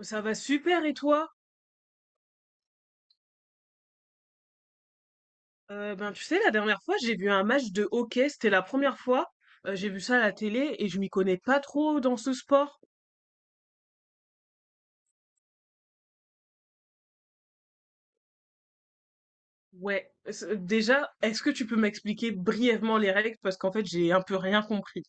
Ça va super, et toi? Ben tu sais, la dernière fois j'ai vu un match de hockey, c'était la première fois. J'ai vu ça à la télé et je m'y connais pas trop dans ce sport. Ouais, déjà, est-ce que tu peux m'expliquer brièvement les règles? Parce qu'en fait j'ai un peu rien compris.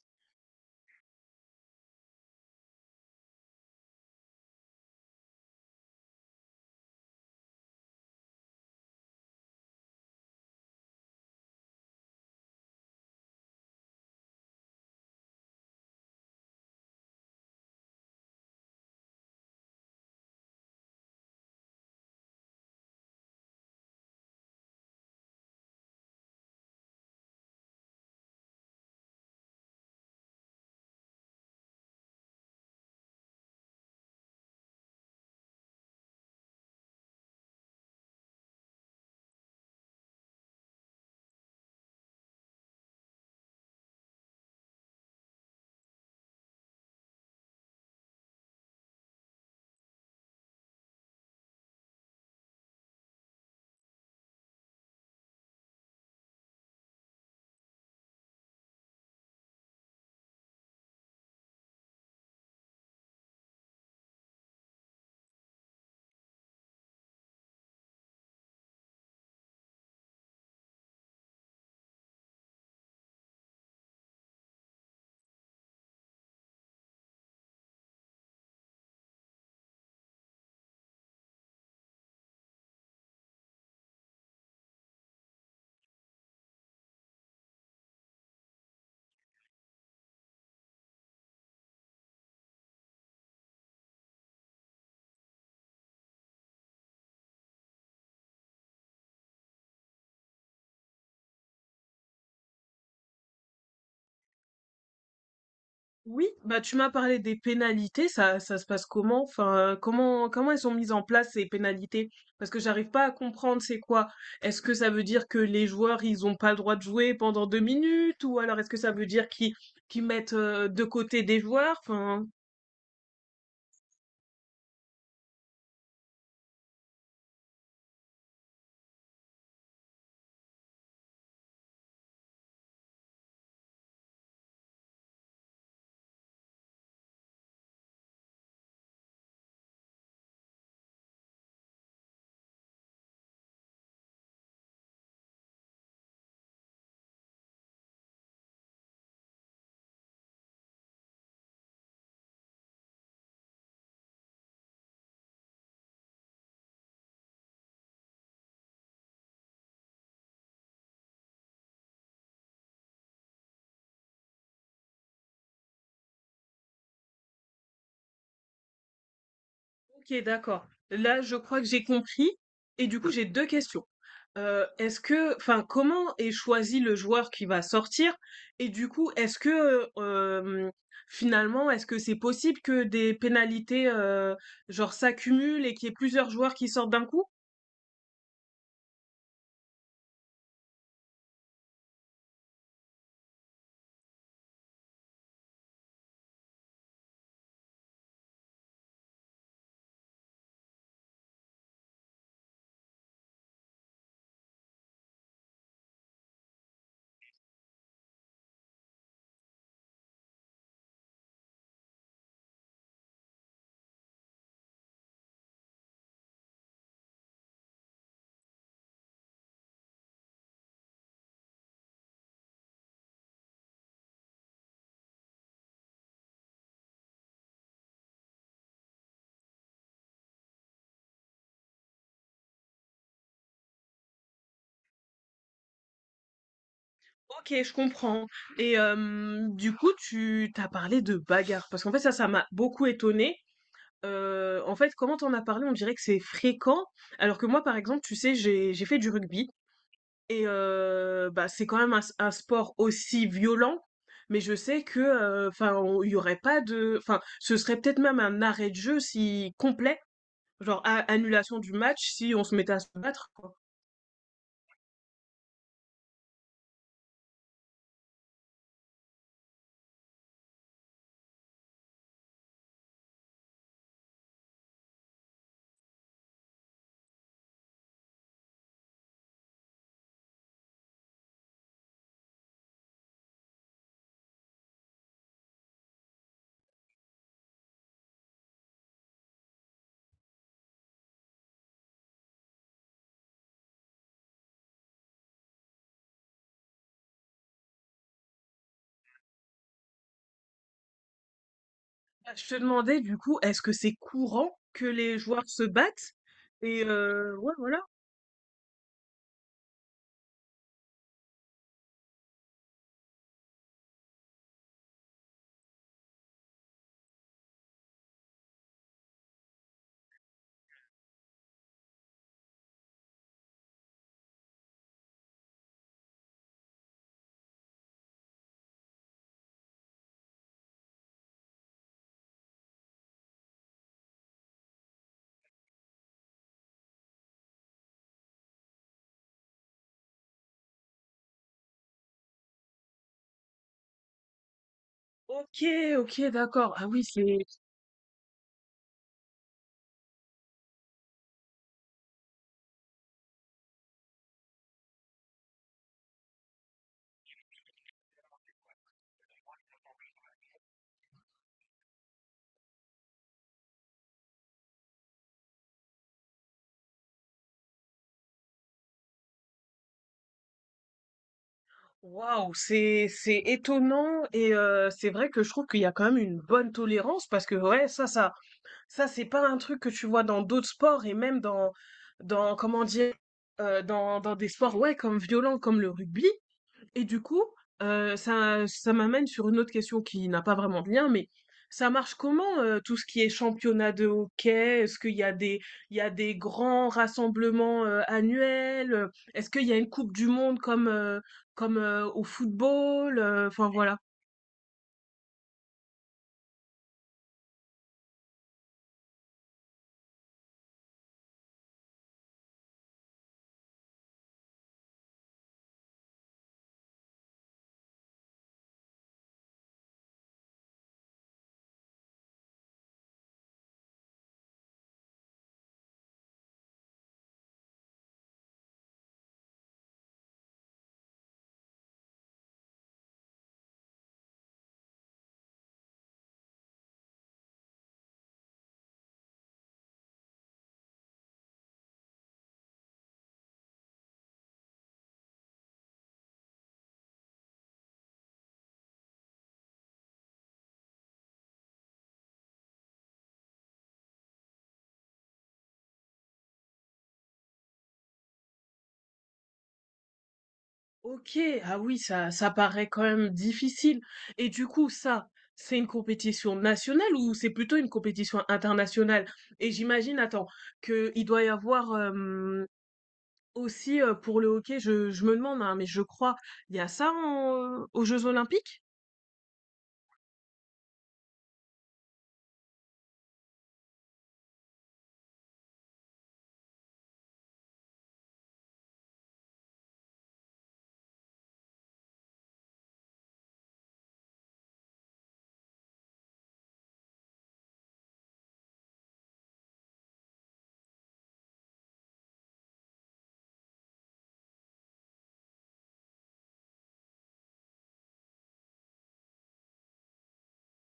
Oui, bah tu m'as parlé des pénalités, ça se passe comment? Enfin, comment elles sont mises en place ces pénalités? Parce que j'arrive pas à comprendre c'est quoi. Est-ce que ça veut dire que les joueurs ils ont pas le droit de jouer pendant deux minutes? Ou alors est-ce que ça veut dire qu'ils mettent de côté des joueurs? Enfin, OK, d'accord. Là, je crois que j'ai compris, et du coup, j'ai 2 questions. Est-ce que, enfin, comment est choisi le joueur qui va sortir? Et du coup, est-ce que, finalement, est-ce que c'est possible que des pénalités, genre, s'accumulent et qu'il y ait plusieurs joueurs qui sortent d'un coup? OK, je comprends, et du coup, tu t'as parlé de bagarre parce qu'en fait, ça m'a beaucoup étonnée. En fait, comment t'en as parlé, on dirait que c'est fréquent, alors que moi, par exemple, tu sais, j'ai fait du rugby. Et c'est quand même un sport aussi violent, mais je sais que, enfin, il y aurait pas de enfin, ce serait peut-être même un arrêt de jeu si complet, genre a annulation du match si on se mettait à se battre, quoi. Bah, je te demandais, du coup, est-ce que c'est courant que les joueurs se battent? Ouais, voilà. OK, OK, d'accord. Ah oui, c'est Waouh, c'est étonnant, et c'est vrai que je trouve qu'il y a quand même une bonne tolérance, parce que ça, c'est pas un truc que tu vois dans d'autres sports, et même dans, comment dire, dans des sports, ouais, comme violents, comme le rugby. Et du coup, ça m'amène sur une autre question qui n'a pas vraiment de lien, mais ça marche comment, tout ce qui est championnat de hockey? Est-ce qu'il y a des, il y a des grands rassemblements, annuels? Est-ce qu'il y a une Coupe du Monde comme, au football? Enfin, voilà. OK, ah oui, ça paraît quand même difficile, et du coup, ça, c'est une compétition nationale ou c'est plutôt une compétition internationale? Et j'imagine, attends, qu'il doit y avoir, aussi, pour le hockey, je me demande, hein, mais je crois, il y a ça en aux Jeux olympiques?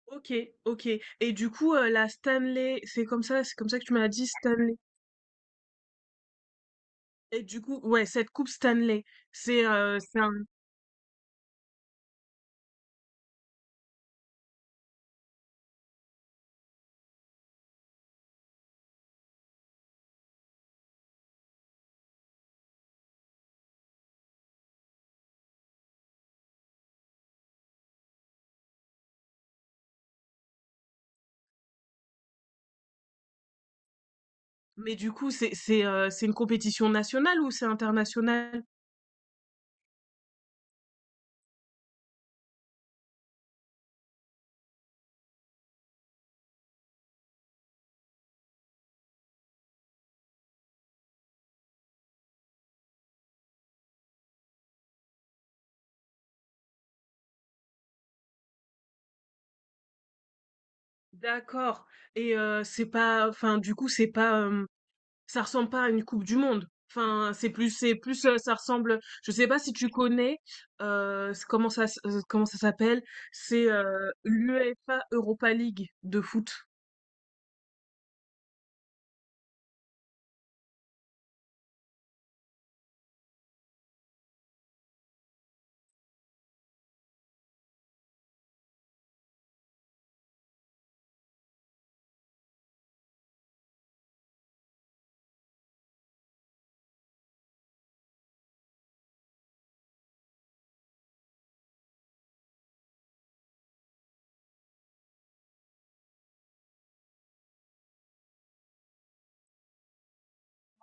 OK, OK, et du coup, la Stanley, c'est comme ça que tu m'as dit, Stanley? Et du coup, ouais, cette coupe Stanley, c'est un... mais du coup, c'est une compétition nationale ou c'est international? D'accord, et c'est pas, enfin, du coup, c'est pas, ça ressemble pas à une coupe du monde? Enfin, c'est plus, ça ressemble... je sais pas si tu connais, s comment ça s'appelle? C'est, l'UEFA Europa League de foot.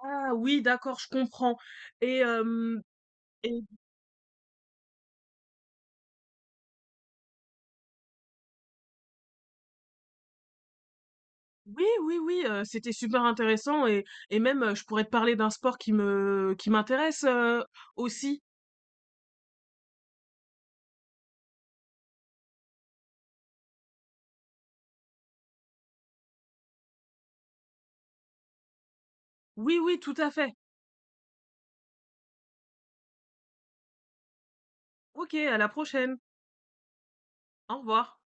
Ah oui, d'accord, je comprends. Et hem et oui, oui, oui, c'était super intéressant, et même, je pourrais te parler d'un sport qui m'intéresse, aussi. Oui, oui, tout à fait. OK, à la prochaine. Au revoir.